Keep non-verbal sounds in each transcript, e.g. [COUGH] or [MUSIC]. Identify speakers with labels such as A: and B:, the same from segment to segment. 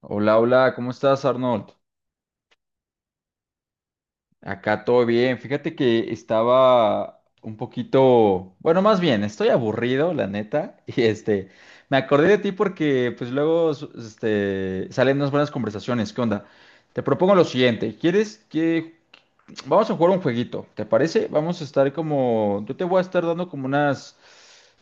A: Hola, hola, ¿cómo estás, Arnold? Acá todo bien. Fíjate que estaba un poquito, bueno, más bien, estoy aburrido, la neta, [LAUGHS] me acordé de ti porque pues luego salen unas buenas conversaciones. ¿Qué onda? Te propongo lo siguiente, ¿quieres que vamos a jugar un jueguito, ¿te parece? Vamos a estar como, yo te voy a estar dando como unas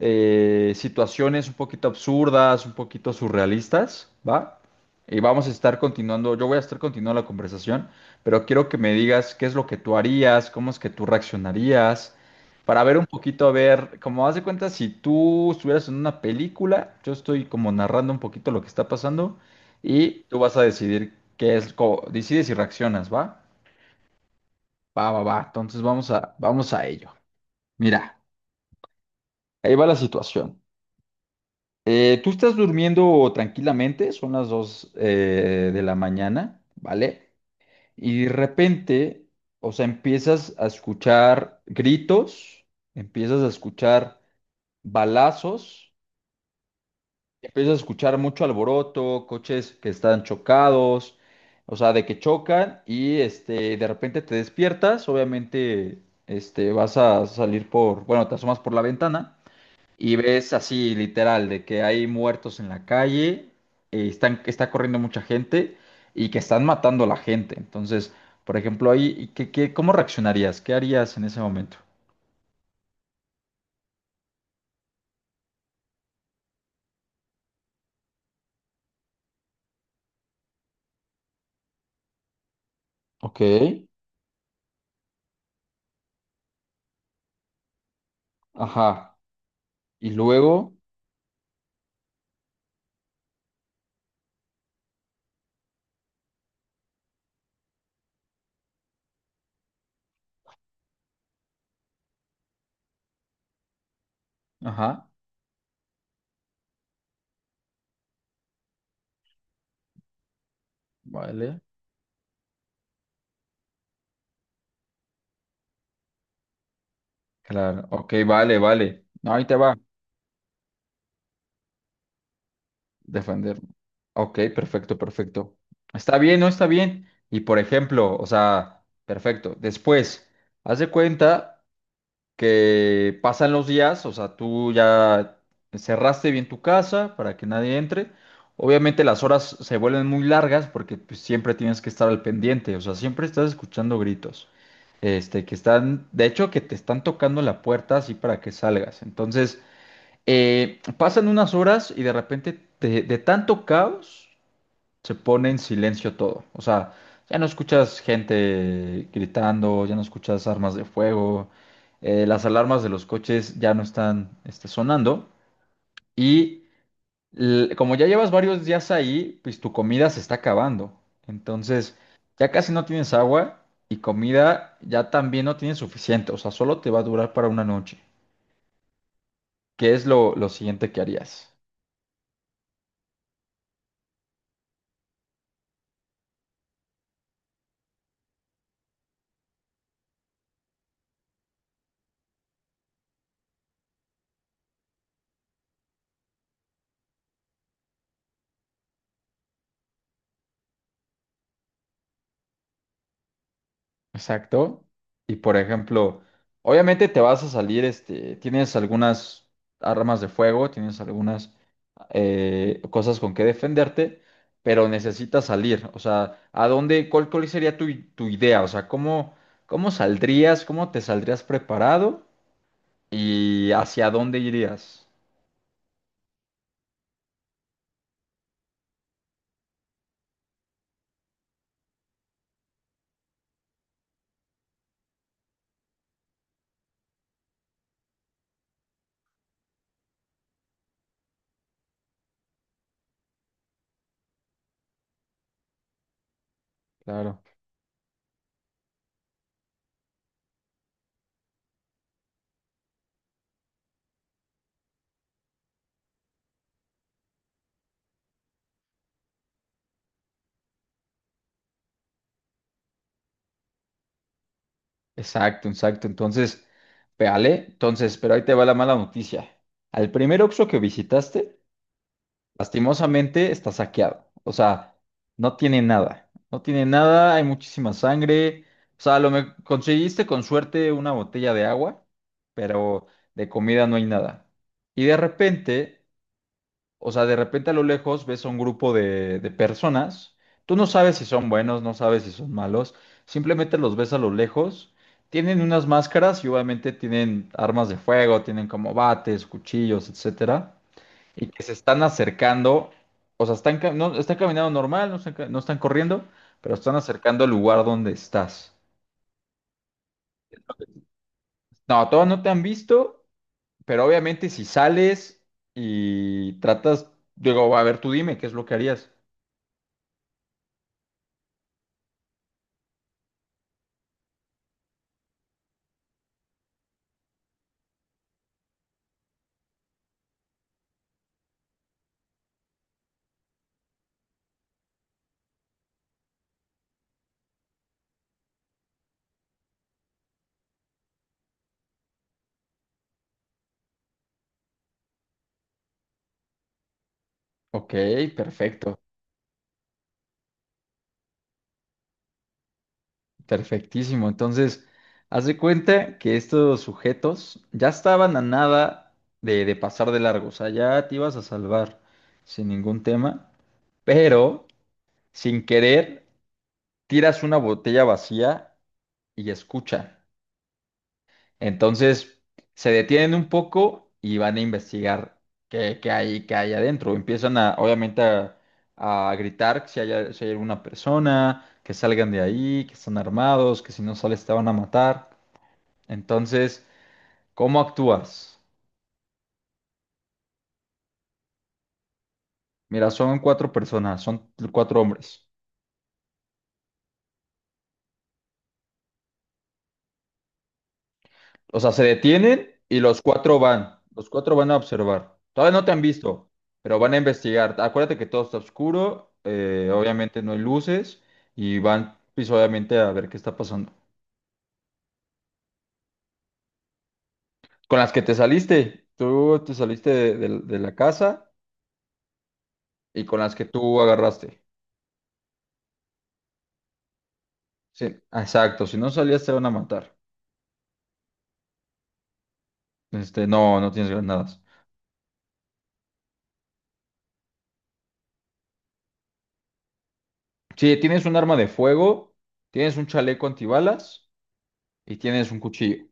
A: situaciones un poquito absurdas, un poquito surrealistas, ¿va? Y vamos a estar continuando, yo voy a estar continuando la conversación, pero quiero que me digas qué es lo que tú harías, cómo es que tú reaccionarías, para ver un poquito, a ver, como haz de cuenta, si tú estuvieras en una película, yo estoy como narrando un poquito lo que está pasando y tú vas a decidir qué es, decides y reaccionas, ¿va? Va, va, va. Entonces vamos a ello. Mira, ahí va la situación. Tú estás durmiendo tranquilamente, son las 2 de la mañana, ¿vale? Y de repente, o sea, empiezas a escuchar gritos, empiezas a escuchar balazos, empiezas a escuchar mucho alboroto, coches que están chocados, o sea, de que chocan de repente te despiertas, obviamente, este, vas a salir por, bueno, te asomas por la ventana. Y ves así literal de que hay muertos en la calle, que está corriendo mucha gente y que están matando a la gente. Entonces, por ejemplo, ahí, ¿cómo reaccionarías? ¿Qué harías en ese momento? Ok, ajá. Y luego, ajá, vale. Claro, ok, vale, vale. No, ahí te va. Defenderme. Ok, perfecto, perfecto. Está bien, ¿no? Está bien. Y por ejemplo, o sea, perfecto. Después, haz de cuenta. Que pasan los días, o sea, tú ya cerraste bien tu casa para que nadie entre. Obviamente las horas se vuelven muy largas porque pues, siempre tienes que estar al pendiente, o sea, siempre estás escuchando gritos. Este, que están, de hecho, que te están tocando la puerta así para que salgas. Entonces, pasan unas horas y de repente, de tanto caos, se pone en silencio todo. O sea, ya no escuchas gente gritando, ya no escuchas armas de fuego, las alarmas de los coches ya no están este, sonando. Y como ya llevas varios días ahí, pues tu comida se está acabando. Entonces, ya casi no tienes agua y comida ya también no tienes suficiente. O sea, solo te va a durar para una noche. ¿Qué es lo siguiente que harías? Exacto. Y por ejemplo, obviamente te vas a salir, este, tienes algunas armas de fuego, tienes algunas cosas con que defenderte, pero necesitas salir. O sea, ¿cuál sería tu, tu idea? O sea, ¿cómo, cómo saldrías, cómo te saldrías preparado y hacia dónde irías? Claro. Exacto, exacto. Entonces, véale. Entonces, pero ahí te va la mala noticia. Al primer Oxxo que visitaste, lastimosamente está saqueado. O sea, no tiene nada. No tiene nada, hay muchísima sangre. O sea, lo me conseguiste con suerte una botella de agua, pero de comida no hay nada. Y de repente, o sea, de repente a lo lejos ves a un grupo de personas. Tú no sabes si son buenos, no sabes si son malos. Simplemente los ves a lo lejos. Tienen unas máscaras y obviamente tienen armas de fuego, tienen como bates, cuchillos, etcétera y que se están acercando, o sea, están caminando normal, no están corriendo, pero están acercando al lugar donde estás. No, todavía no te han visto, pero obviamente si sales y tratas, digo, a ver, tú dime, ¿qué es lo que harías? Ok, perfecto, perfectísimo. Entonces, haz de cuenta que estos sujetos ya estaban a nada de pasar de largo, o sea, ya te ibas a salvar sin ningún tema, pero sin querer tiras una botella vacía y escuchan. Entonces se detienen un poco y van a investigar qué hay adentro. Empiezan a, obviamente, a gritar si hay, si hay alguna persona, que salgan de ahí, que están armados, que si no sales te van a matar. Entonces, ¿cómo actúas? Mira, son cuatro personas, son cuatro hombres. O sea, se detienen y los cuatro van. Los cuatro van a observar. Todavía no te han visto, pero van a investigar. Acuérdate que todo está oscuro, obviamente no hay luces y van, pues obviamente, a ver qué está pasando. Con las que te saliste, tú te saliste de la casa y con las que tú agarraste. Sí, exacto. Si no salías, te van a matar. Este, no, no tienes granadas. Sí, tienes un arma de fuego, tienes un chaleco antibalas y tienes un cuchillo.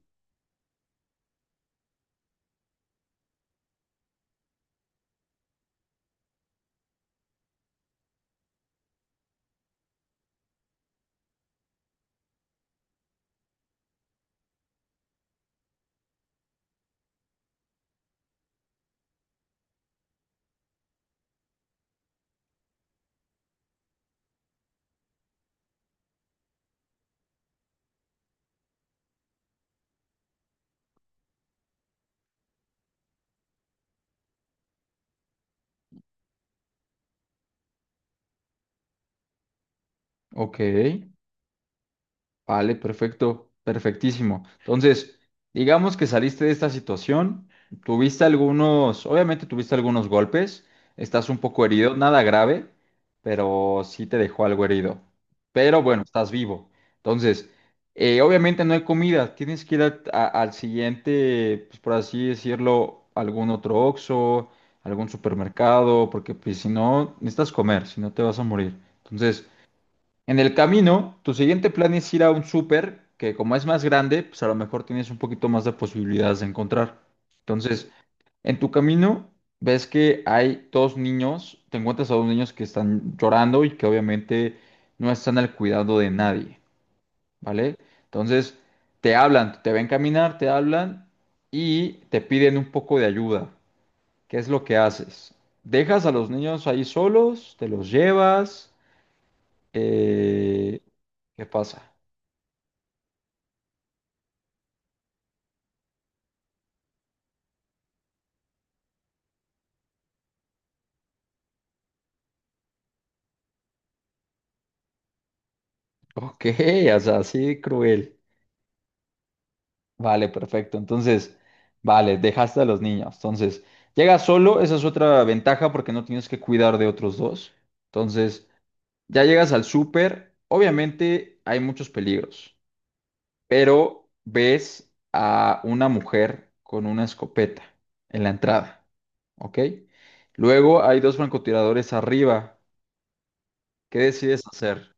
A: Ok. Vale, perfecto, perfectísimo. Entonces, digamos que saliste de esta situación, tuviste algunos, obviamente tuviste algunos golpes, estás un poco herido, nada grave, pero sí te dejó algo herido. Pero bueno, estás vivo. Entonces, obviamente no hay comida, tienes que ir al siguiente, pues por así decirlo, algún otro Oxxo, algún supermercado, porque pues, si no, necesitas comer, si no te vas a morir. Entonces, en el camino, tu siguiente plan es ir a un súper que como es más grande, pues a lo mejor tienes un poquito más de posibilidades de encontrar. Entonces, en tu camino ves que hay dos niños, te encuentras a dos niños que están llorando y que obviamente no están al cuidado de nadie, ¿vale? Entonces, te hablan, te ven caminar, te hablan y te piden un poco de ayuda. ¿Qué es lo que haces? ¿Dejas a los niños ahí solos? ¿Te los llevas? Eh, ¿Qué pasa? Ok, [LAUGHS] o sea, así cruel. Vale, perfecto. Entonces, vale, dejaste a los niños. Entonces, llegas solo, esa es otra ventaja porque no tienes que cuidar de otros dos. Entonces, ya llegas al súper. Obviamente hay muchos peligros, pero ves a una mujer con una escopeta en la entrada. ¿Ok? Luego hay dos francotiradores arriba. ¿Qué decides hacer?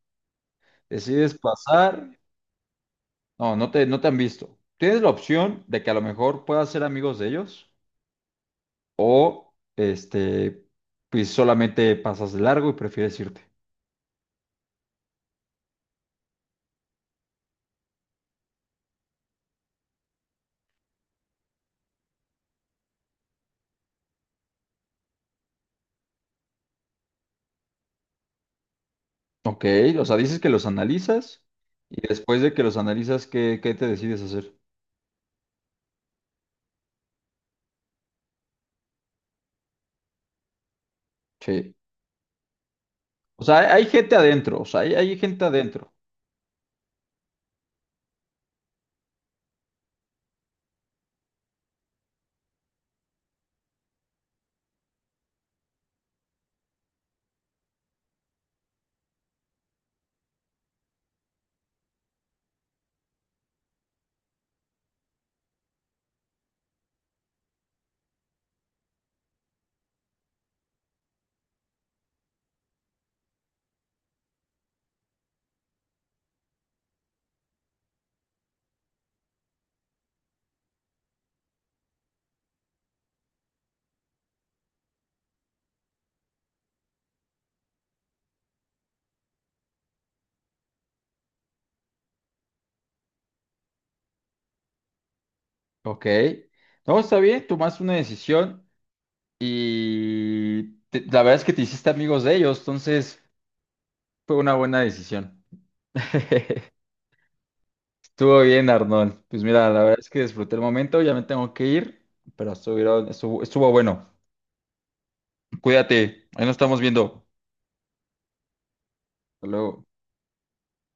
A: ¿Decides pasar? No, no te han visto. Tienes la opción de que a lo mejor puedas ser amigos de ellos o este, pues solamente pasas de largo y prefieres irte. Ok, o sea, dices que los analizas y después de que los analizas, ¿qué te decides hacer? Sí. O sea, hay gente adentro, o sea, hay gente adentro. Ok. No, está bien, tomaste una decisión la verdad es que te hiciste amigos de ellos, entonces fue una buena decisión. [LAUGHS] Estuvo bien, Arnold. Pues mira, la verdad es que disfruté el momento, ya me tengo que ir, pero estuvo bueno. Cuídate, ahí nos estamos viendo. Hasta luego.